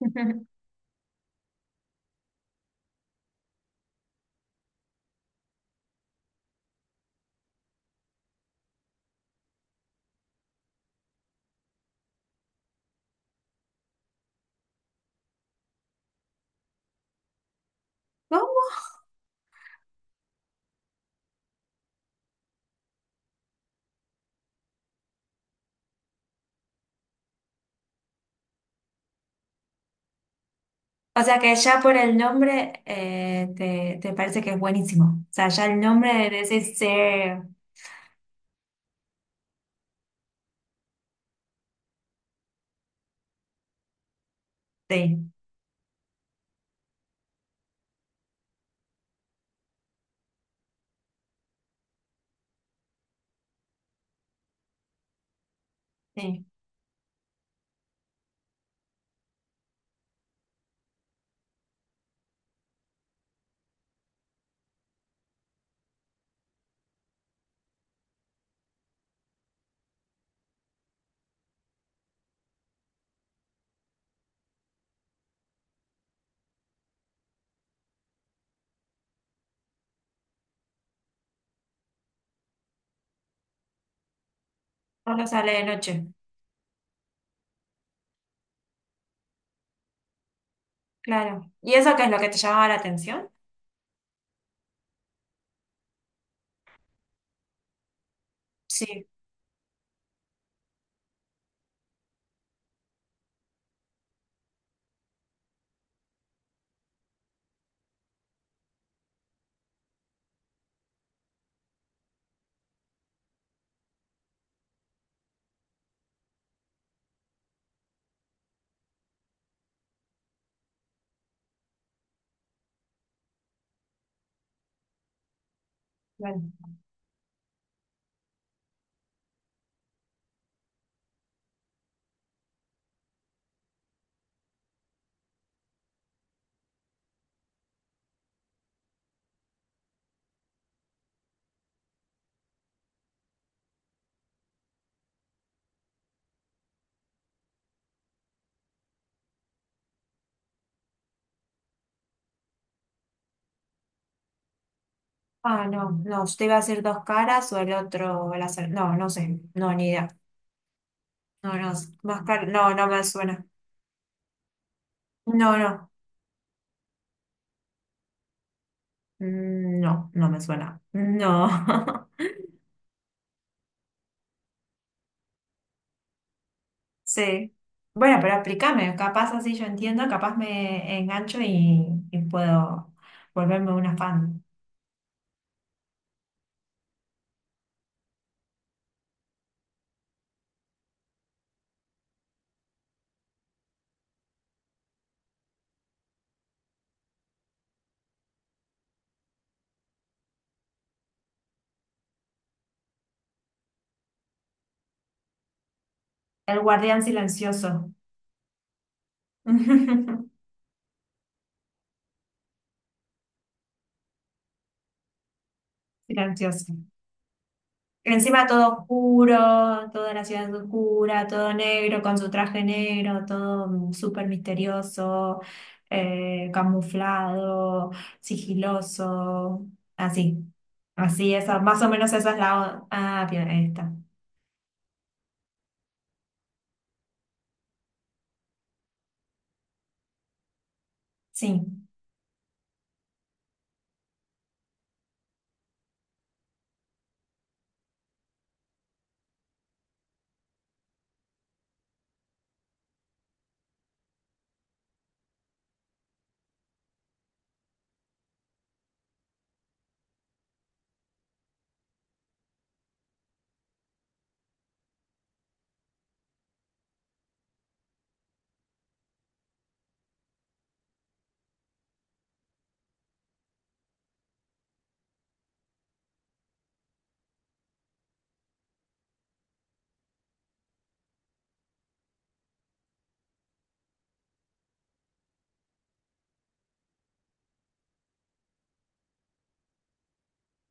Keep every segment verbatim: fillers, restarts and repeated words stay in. ¿Cómo? O sea que ya por el nombre eh, te, te parece que es buenísimo. O sea, ya el nombre de ese ser, sí, sí, solo sale de noche. Claro. ¿Y eso qué es lo que te llamaba la atención? Sí, claro. Ah, no, no, usted iba a decir dos caras o el otro, la ser- No, no sé, no, ni idea. No, no, más car- no, no me suena. No, no, Mm, no, no me suena. No. Sí. Bueno, pero explícame, capaz así yo entiendo, capaz me engancho y, y puedo volverme una fan. El guardián silencioso. Silencioso. Encima todo oscuro, toda la ciudad oscura, todo negro, con su traje negro, todo mm, súper misterioso, eh, camuflado, sigiloso, así. Así, esa, más o menos esa es la... o- Ah, bien, ahí está. Sí,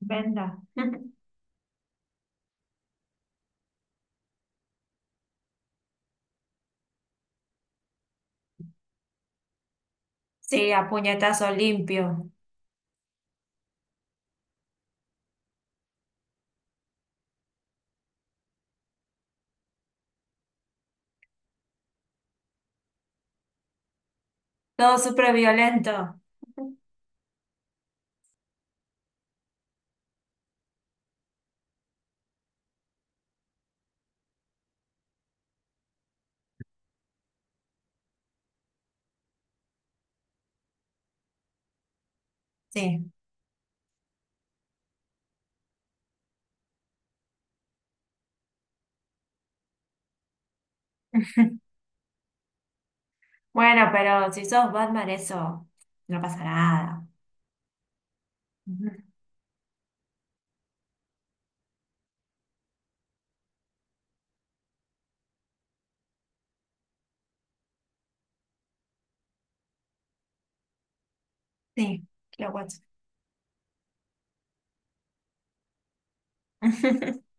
venda. Sí, a puñetazo limpio. Todo súper violento. Sí. Bueno, pero si sos Batman, eso no pasa nada. Ujú. Sí, lo guacho.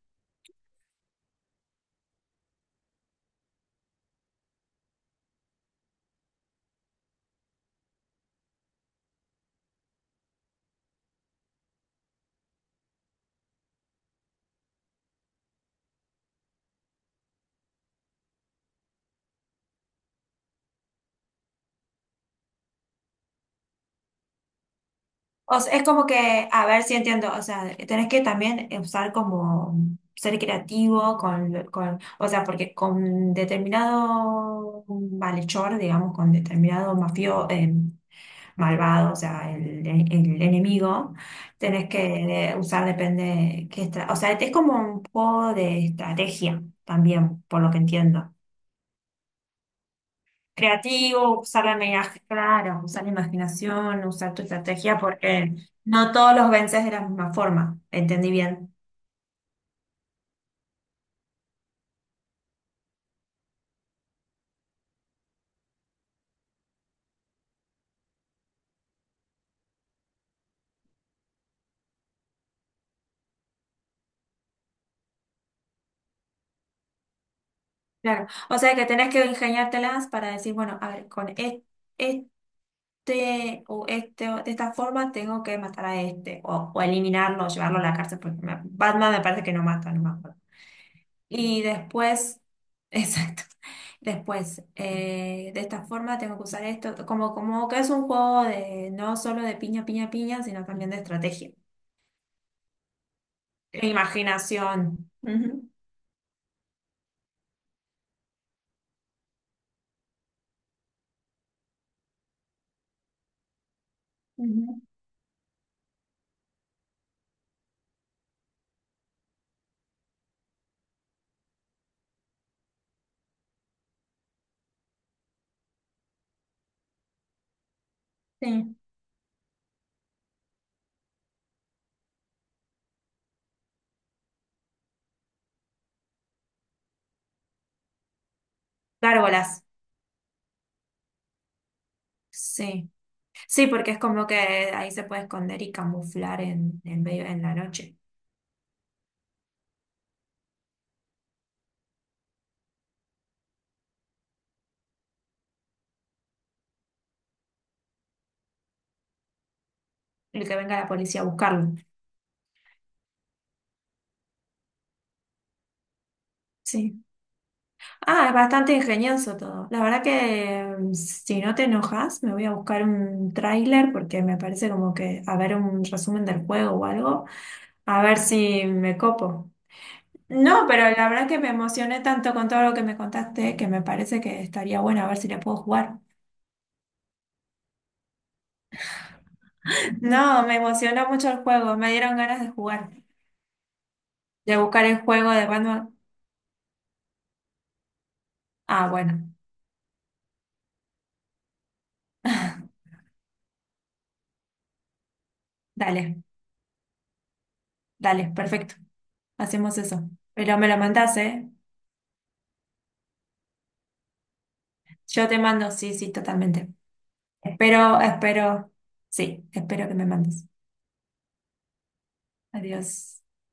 O sea, es como que, a ver si entiendo, o sea, tenés que también usar como ser creativo con, con, o sea, porque con determinado malhechor, digamos, con determinado mafio, eh, malvado, o sea, el, el enemigo, tenés que usar, depende qué estra- o sea, es como un juego de estrategia también, por lo que entiendo creativo, usar la imaginación, claro, usar la imaginación, usar tu estrategia, porque no todos los vences de la misma forma, entendí bien. Claro, o sea que tenés que ingeniártelas para decir, bueno, a ver, con es- este o este o de esta forma tengo que matar a este, o, o eliminarlo, llevarlo a la cárcel, porque me- Batman me parece que no mata, no me acuerdo. Y después, exacto, después, eh, de esta forma tengo que usar esto, como, como que es un juego de no solo de piña, piña, piña, sino también de estrategia, e imaginación. Ujú, ujú, sí. Gárgolas, sí. Sí, porque es como que ahí se puede esconder y camuflar en, en medio, en la noche, el que venga la policía a buscarlo. Sí. Ah, es bastante ingenioso todo. La verdad que, mm, si no te enojas, me voy a buscar un tráiler porque me parece como que a ver un resumen del juego o algo, a ver si me copo. No, pero la verdad que me emocioné tanto con todo lo que me contaste que me parece que estaría bueno a ver si le puedo jugar. No, me emocionó mucho el juego, me dieron ganas de jugar, de buscar el juego de Batman. Ah, bueno. Dale, dale, perfecto. Hacemos eso. Pero me lo mandás, ¿eh? Yo te mando, sí, sí, totalmente. Espero, espero, sí, espero que me mandes. Adiós.